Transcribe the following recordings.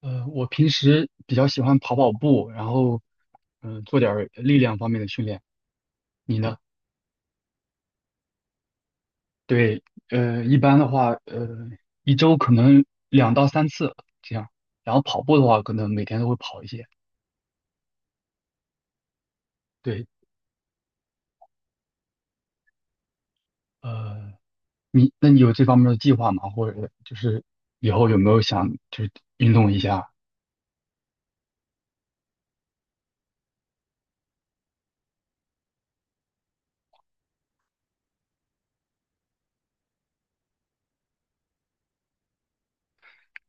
我平时比较喜欢跑跑步，然后，做点儿力量方面的训练。你呢？对，一般的话，一周可能2到3次这样。然后跑步的话，可能每天都会跑一些。对，呃，那你有这方面的计划吗？或者就是以后有没有想就是运动一下？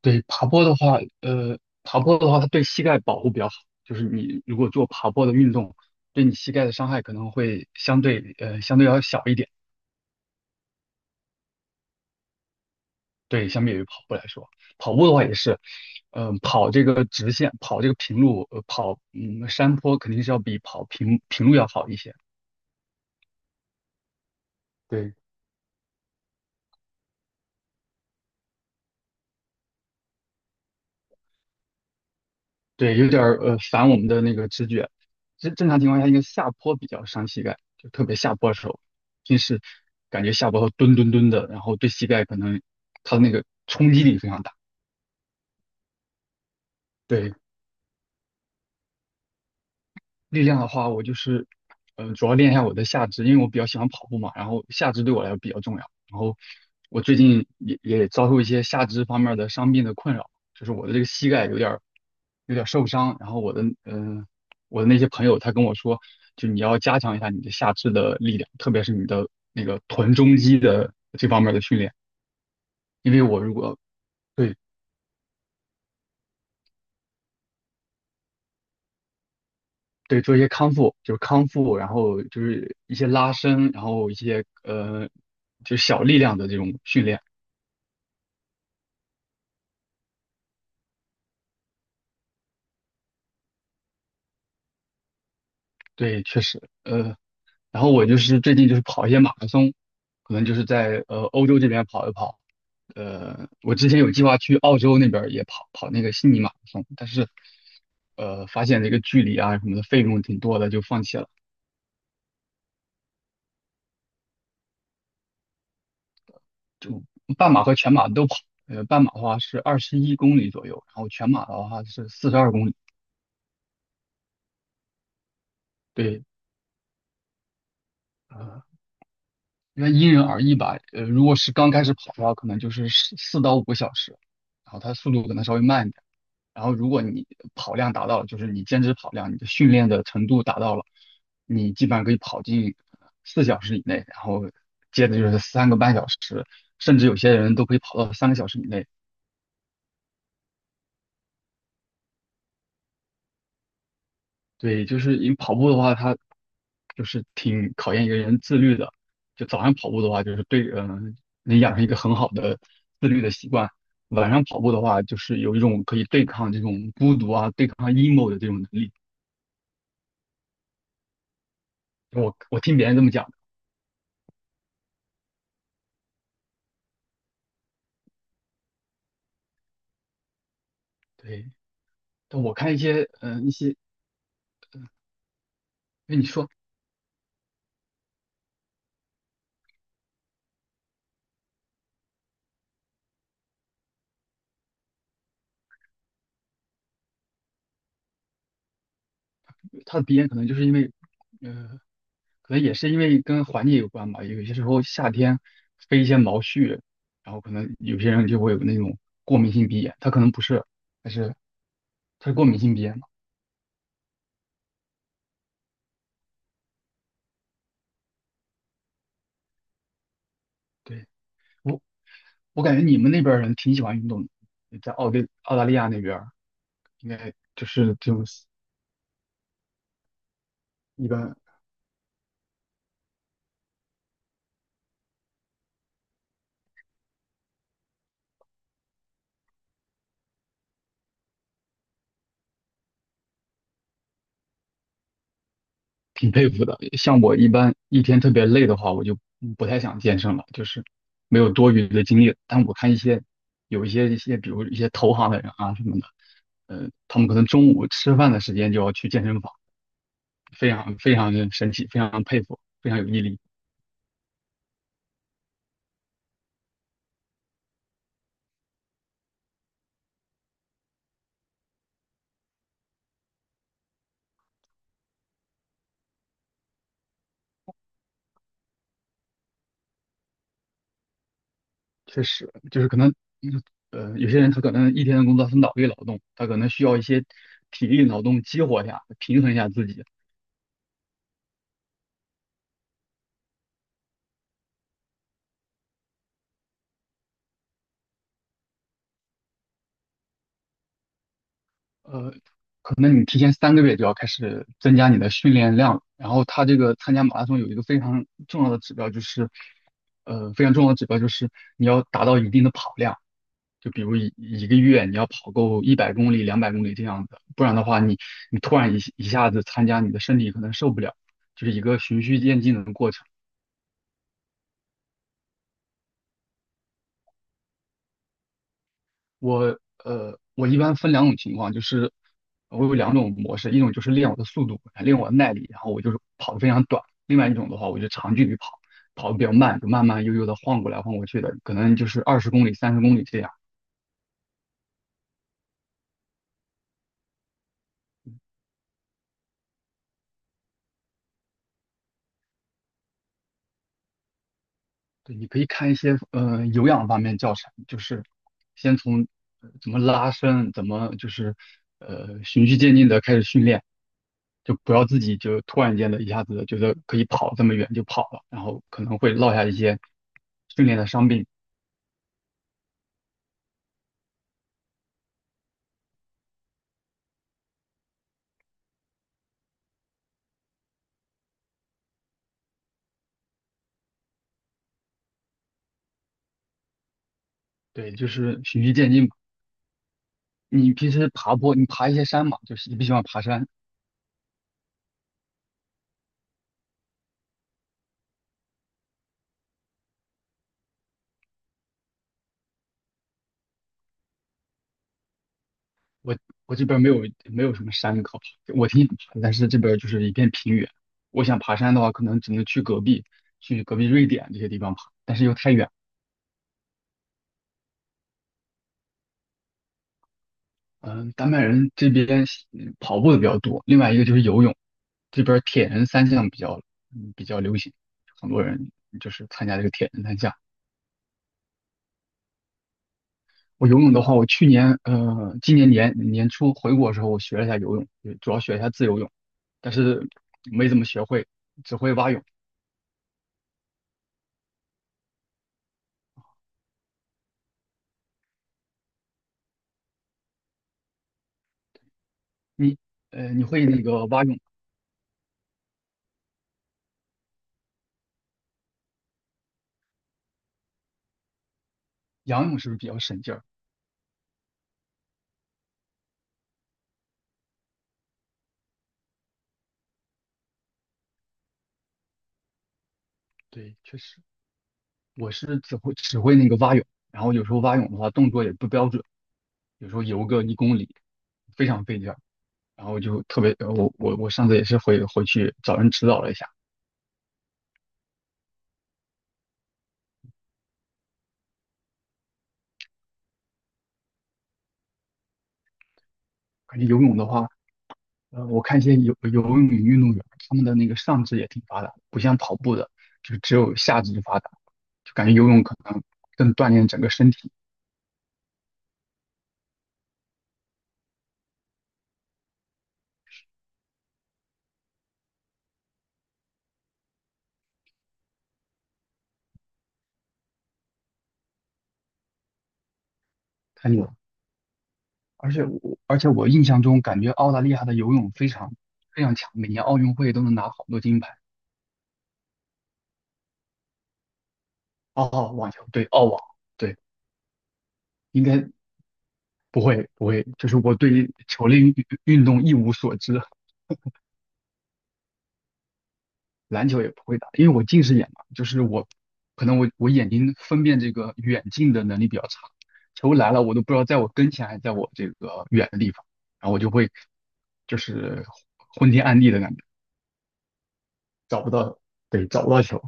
对，爬坡的话，它对膝盖保护比较好。就是你如果做爬坡的运动，对你膝盖的伤害可能会相对要小一点。对，相比于跑步来说，跑步的话也是，跑这个直线，跑这个平路，跑山坡肯定是要比跑平路要好一些。对，对，有点儿反我们的那个直觉。正常情况下，应该下坡比较伤膝盖，就特别下坡的时候，平时感觉下坡后蹲蹲蹲的，然后对膝盖可能它的那个冲击力非常大。对，力量的话，我就是，主要练一下我的下肢，因为我比较喜欢跑步嘛，然后下肢对我来说比较重要。然后我最近也遭受一些下肢方面的伤病的困扰，就是我的这个膝盖有点儿受伤。然后我的那些朋友他跟我说，就你要加强一下你的下肢的力量，特别是你的那个臀中肌的这方面的训练，因为我如果对。对，做一些康复，就是康复，然后就是一些拉伸，然后一些就是小力量的这种训练。对，确实，呃，然后我就是最近就是跑一些马拉松，可能就是在欧洲这边跑一跑。我之前有计划去澳洲那边儿也跑跑那个悉尼马拉松，但是发现这个距离啊什么的费用挺多的，就放弃了。就半马和全马都跑，半马的话是21公里左右，然后全马的话是42公里。对。呃因为因人而异吧。如果是刚开始跑的话，可能就是四到五个小时，然后它速度可能稍微慢一点。然后如果你跑量达到了，就是你坚持跑量，你的训练的程度达到了，你基本上可以跑进4小时以内，然后接着就是3个半小时，甚至有些人都可以跑到3个小时以内。对，就是因为跑步的话，它就是挺考验一个人自律的。就早上跑步的话，就是对，能养成一个很好的自律的习惯。晚上跑步的话，就是有一种可以对抗这种孤独啊、对抗 emo 的这种能力。我听别人这么讲的。对。但我看一些，一些，因为你说他的鼻炎可能就是因为，呃，可能也是因为跟环境有关吧。有些时候夏天飞一些毛絮，然后可能有些人就会有那种过敏性鼻炎，他可能不是，但是他是过敏性鼻炎嘛。对，我我感觉你们那边儿人挺喜欢运动的，在澳大利亚那边儿应该就是这种一般挺佩服的。像我一般一天特别累的话，我就不太想健身了，就是没有多余的精力。但我看一些，比如一些投行的人啊什么的，他们可能中午吃饭的时间就要去健身房，非常非常的神奇，非常佩服，非常有毅力。确实，就是可能，嗯有些人他可能一天的工作是脑力劳动，他可能需要一些体力劳动激活一下，平衡一下自己。呃，可能你提前3个月就要开始增加你的训练量了。然后他这个参加马拉松有一个非常重要的指标，就是，非常重要的指标就是你要达到一定的跑量，就比如一个月你要跑够100公里、200公里这样子，不然的话你突然一下子参加，你的身体可能受不了，就是一个循序渐进的过程。我我一般分两种情况，就是我有两种模式，一种就是练我的速度，练我的耐力，然后我就是跑得非常短；另外一种的话，我就长距离跑，跑得比较慢，就慢慢悠悠的晃过来晃过去的，可能就是20公里、30公里这样。对，你可以看一些有氧方面教程，就是先从怎么拉伸，怎么就是循序渐进的开始训练，就不要自己就突然间的一下子觉得可以跑这么远就跑了，然后可能会落下一些训练的伤病。对，就是循序渐进嘛。你平时爬坡，你爬一些山嘛，就是你不喜欢爬山，我我这边没有什么山可爬，我挺想爬的，但是这边就是一片平原。我想爬山的话，可能只能去隔壁瑞典这些地方爬，但是又太远。嗯，丹麦人这边跑步的比较多，另外一个就是游泳，这边铁人三项比较流行，很多人就是参加这个铁人三项。我游泳的话，我今年年初回国的时候，我学了一下游泳，主要学一下自由泳，但是没怎么学会，只会蛙泳。你你会那个蛙泳、仰泳是不是比较省劲儿？对，确实，我是只会那个蛙泳，然后有时候蛙泳的话动作也不标准，有时候游个一公里非常费劲儿，然后就特别呃我上次也是回去找人指导了一下。感觉游泳的话，我看一些游泳运动员，他们的那个上肢也挺发达的，不像跑步的，就只有下肢发达，就感觉游泳可能更锻炼整个身体。太看了。而且我印象中感觉澳大利亚的游泳非常非常强，每年奥运会都能拿好多金牌。哦，网球，对，澳网，对，应该不会不会，就是我对球类运动一无所知，篮球也不会打，因为我近视眼嘛，就是我可能我眼睛分辨这个远近的能力比较差，球来了我都不知道在我跟前还是在我这个远的地方，然后我就会就是昏天暗地的感觉，找不到，对，找不到球。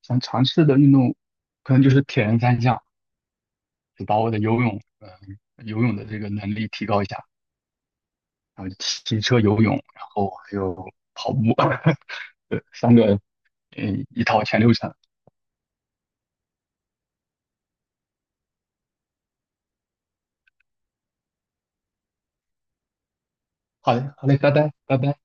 想尝试的运动，可能就是铁人三项，就把我的游泳的这个能力提高一下，然后骑车、游泳，然后还有跑步，对，三个，一套全流程。好嘞，好嘞，拜拜，拜拜。